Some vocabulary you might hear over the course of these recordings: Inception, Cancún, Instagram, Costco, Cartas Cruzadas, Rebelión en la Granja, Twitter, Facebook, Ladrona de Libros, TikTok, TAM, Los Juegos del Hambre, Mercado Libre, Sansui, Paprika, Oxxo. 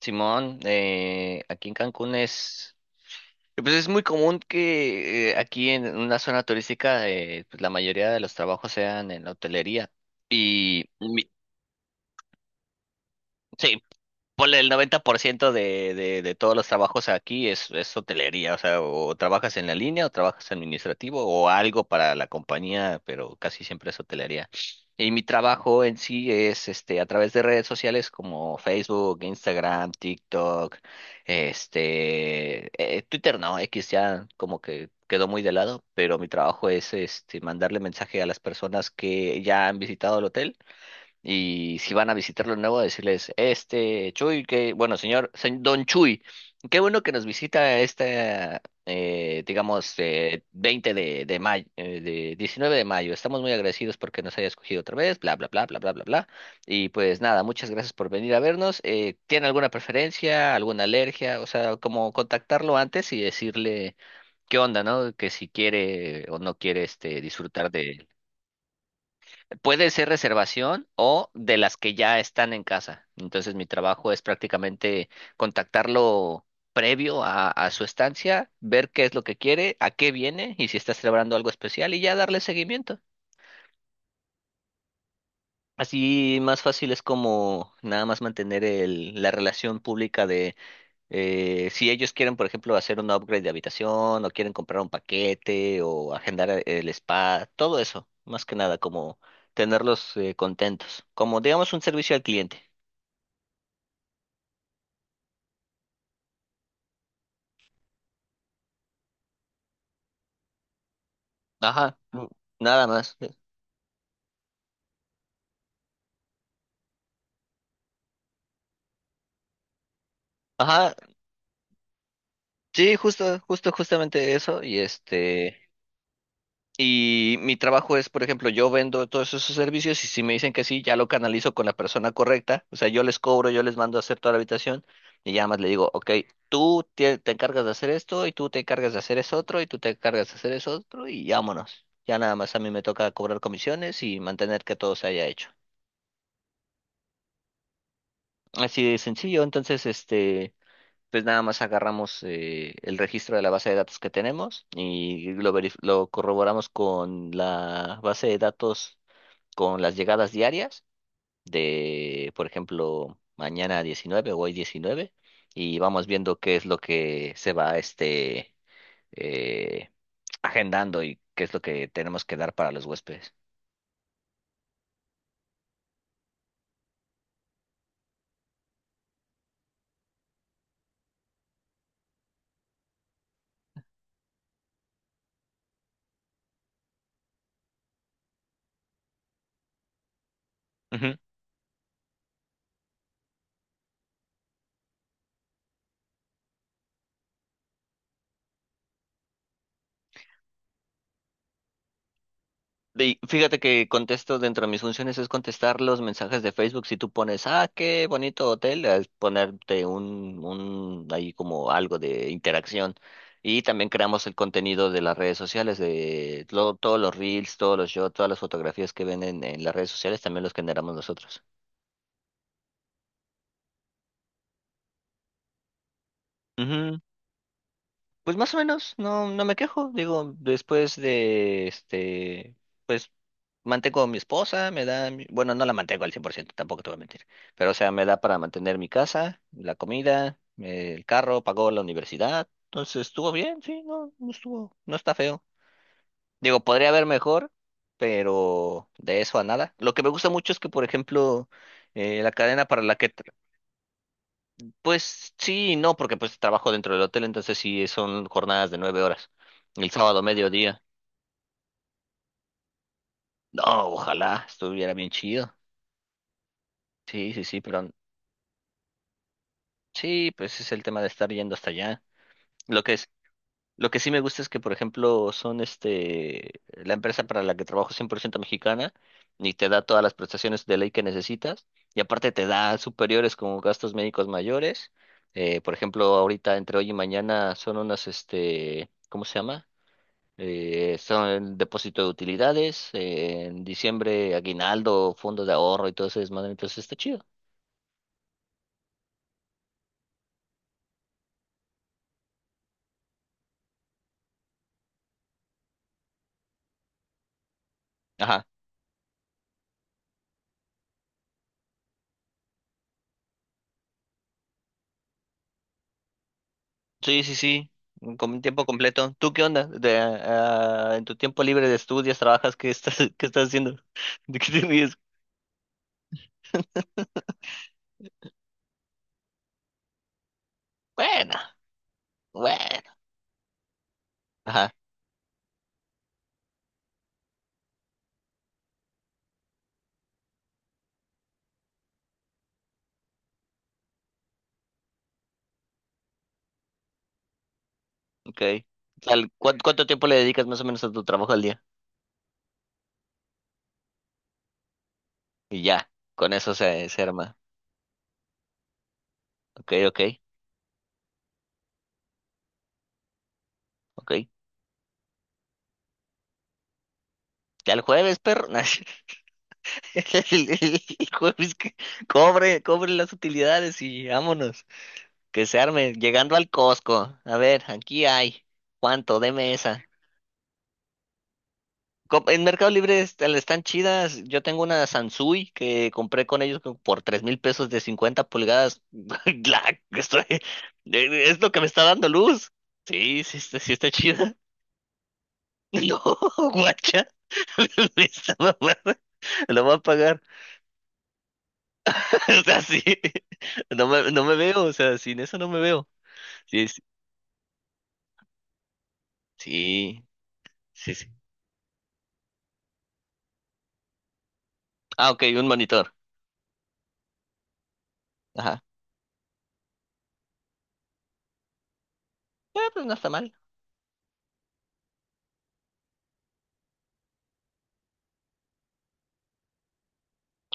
Simón, aquí en Cancún es, pues es muy común que aquí en una zona turística pues la mayoría de los trabajos sean en la hotelería. Y mi, Sí, ponle el 90% de todos los trabajos aquí es hotelería, o sea, o trabajas en la línea o trabajas administrativo o algo para la compañía, pero casi siempre es hotelería. Y mi trabajo en sí es este a través de redes sociales como Facebook, Instagram, TikTok, este Twitter no, X ya como que quedó muy de lado, pero mi trabajo es este mandarle mensaje a las personas que ya han visitado el hotel y si van a visitarlo de nuevo, decirles, este Chuy, que, bueno, señor, don Chuy, qué bueno que nos visita este, digamos, 20 de mayo, de 19 de mayo. Estamos muy agradecidos porque nos haya escogido otra vez, bla, bla, bla, bla, bla, bla, bla. Y pues nada, muchas gracias por venir a vernos. ¿Tiene alguna preferencia, alguna alergia? O sea, como contactarlo antes y decirle qué onda, ¿no? Que si quiere o no quiere este, disfrutar. Puede ser reservación o de las que ya están en casa. Entonces mi trabajo es prácticamente contactarlo previo a su estancia, ver qué es lo que quiere, a qué viene y si está celebrando algo especial y ya darle seguimiento. Así más fácil es como nada más mantener la relación pública de si ellos quieren, por ejemplo, hacer un upgrade de habitación o quieren comprar un paquete o agendar el spa, todo eso, más que nada, como tenerlos contentos, como digamos un servicio al cliente. Ajá, mm, nada más. Ajá, sí, justo, justo, justamente eso y este... Y mi trabajo es, por ejemplo, yo vendo todos esos servicios y si me dicen que sí, ya lo canalizo con la persona correcta. O sea, yo les cobro, yo les mando a hacer toda la habitación y ya más le digo, ok, te encargas de hacer esto y tú te encargas de hacer eso otro y tú te encargas de hacer eso otro y vámonos. Ya nada más a mí me toca cobrar comisiones y mantener que todo se haya hecho. Así de sencillo. Entonces, este, pues nada más agarramos el registro de la base de datos que tenemos y lo corroboramos con la base de datos con las llegadas diarias de, por ejemplo, mañana 19 o hoy 19 y vamos viendo qué es lo que se va eh, agendando y qué es lo que tenemos que dar para los huéspedes. Y fíjate que contesto dentro de mis funciones es contestar los mensajes de Facebook. Si tú pones, ah, qué bonito hotel, es ponerte ahí como algo de interacción. Y también creamos el contenido de las redes sociales, todos los reels, todos los shots, todas las fotografías que ven en las redes sociales, también los generamos nosotros. Ujú. Pues más o menos, no, no me quejo. Digo, después de este, pues mantengo a mi esposa, bueno, no la mantengo al 100%, tampoco te voy a mentir. Pero o sea, me da para mantener mi casa, la comida, el carro, pagó la universidad. Entonces estuvo bien, sí, no está feo. Digo, podría haber mejor, pero de eso a nada. Lo que me gusta mucho es que, por ejemplo, la cadena para la que pues sí, y no, porque pues trabajo dentro del hotel, entonces sí son jornadas de 9 horas. El sábado mediodía. No, ojalá estuviera bien chido. Sí, sí, sí, pero sí, pues es el tema de estar yendo hasta allá. Lo que es, lo que sí me gusta es que, por ejemplo, son este, la empresa para la que trabajo es 100% mexicana y te da todas las prestaciones de ley que necesitas y aparte te da superiores como gastos médicos mayores. Por ejemplo, ahorita entre hoy y mañana son unas, este, ¿cómo se llama? Son depósito de utilidades, en diciembre aguinaldo, fondos de ahorro y todo ese desmadre, entonces está chido. Ajá. Sí, sí, sí, con tiempo completo. ¿Tú qué onda? De, ah, en tu tiempo libre de estudios, trabajas, ¿qué estás, qué estás haciendo? ¿De qué te ríes? Bueno, bueno. Ajá, ok. ¿Cuánto tiempo le dedicas más o menos a tu trabajo al día? Y ya, con eso se arma. Ok, ok, ok. Ya el jueves, perro. El jueves que cobre, cobre las utilidades y vámonos. Que se arme. Llegando al Costco. A ver, aquí hay. ¿Cuánto? Deme esa. En Mercado Libre están chidas. Yo tengo una Sansui que compré con ellos por $3,000 de 50 pulgadas. La- estoy- eh, es lo que me está dando luz. Sí, sí está chida. No, guacha. Me está mamando. Lo voy a pagar. O sea, sí. No me veo, o sea, sin eso no me veo. Sí, sí, sí, sí. Sí. Ah, ok, un monitor. Ajá. Pues no está mal.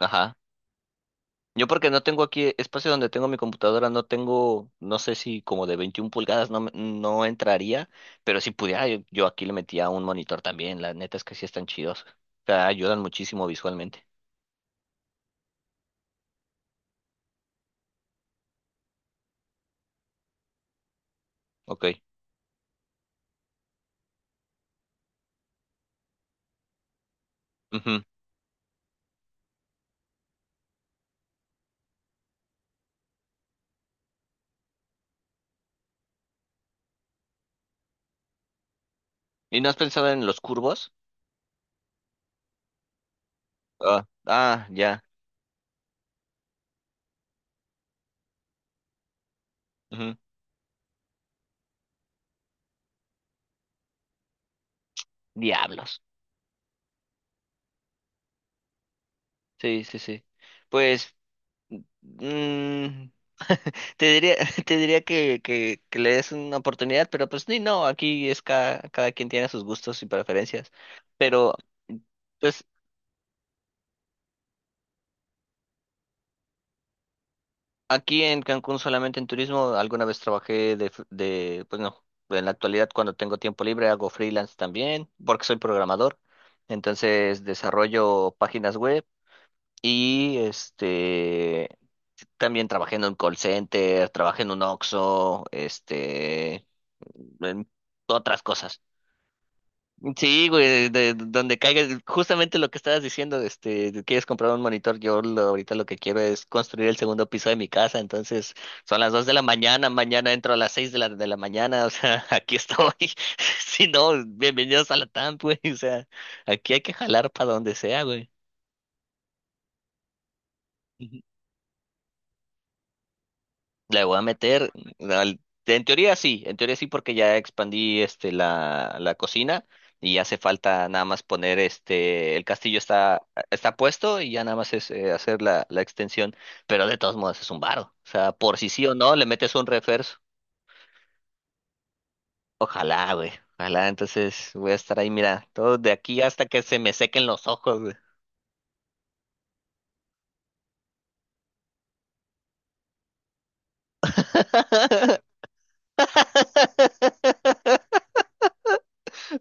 Ajá. Yo porque no tengo aquí espacio donde tengo mi computadora, no tengo, no sé si como de 21 pulgadas no, no entraría, pero si pudiera, yo aquí le metía un monitor también. La neta es que sí están chidos. O sea, ayudan muchísimo visualmente. Ok. Ujú. ¿Y no has pensado en los curvos? Ah, ah, ya. Ujú. Diablos. Sí, sí, sí. Pues mm, te diría, te diría que le des una oportunidad, pero pues ni no, aquí es cada, cada quien tiene sus gustos y preferencias. Pero pues aquí en Cancún solamente en turismo, alguna vez trabajé de, pues no, en la actualidad cuando tengo tiempo libre hago freelance también, porque soy programador. Entonces desarrollo páginas web y este. También trabajé en un call center, trabajé en un Oxxo, este, en otras cosas. Sí, güey, de donde caiga, justamente lo que estabas diciendo, este, de quieres comprar un monitor, ahorita lo que quiero es construir el segundo piso de mi casa, entonces son las 2 de la mañana, mañana entro a las seis de la mañana, o sea, aquí estoy, si no, bienvenidos a la TAM, güey, o sea, aquí hay que jalar para donde sea, güey. Le voy a meter, al- En teoría sí, en teoría sí porque ya expandí este la cocina y hace falta nada más poner este, el castillo está, está puesto y ya nada más es hacer la extensión, pero de todos modos es un varo, o sea, por si sí o no le metes un refuerzo, ojalá, güey, ojalá, entonces voy a estar ahí, mira, todo de aquí hasta que se me sequen los ojos, güey.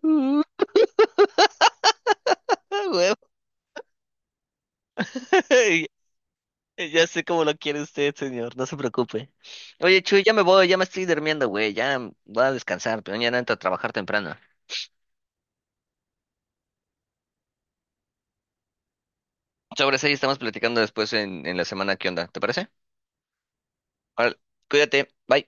Uh, a huevo. Ya sé cómo lo quiere usted, señor, no se preocupe. Oye, Chuy, ya me voy, ya me estoy durmiendo, güey, ya voy a descansar, pero mañana entro a trabajar temprano. Sobre eso ahí estamos platicando después en la semana, ¿qué onda? ¿Te parece? Órale, cuídate, bye.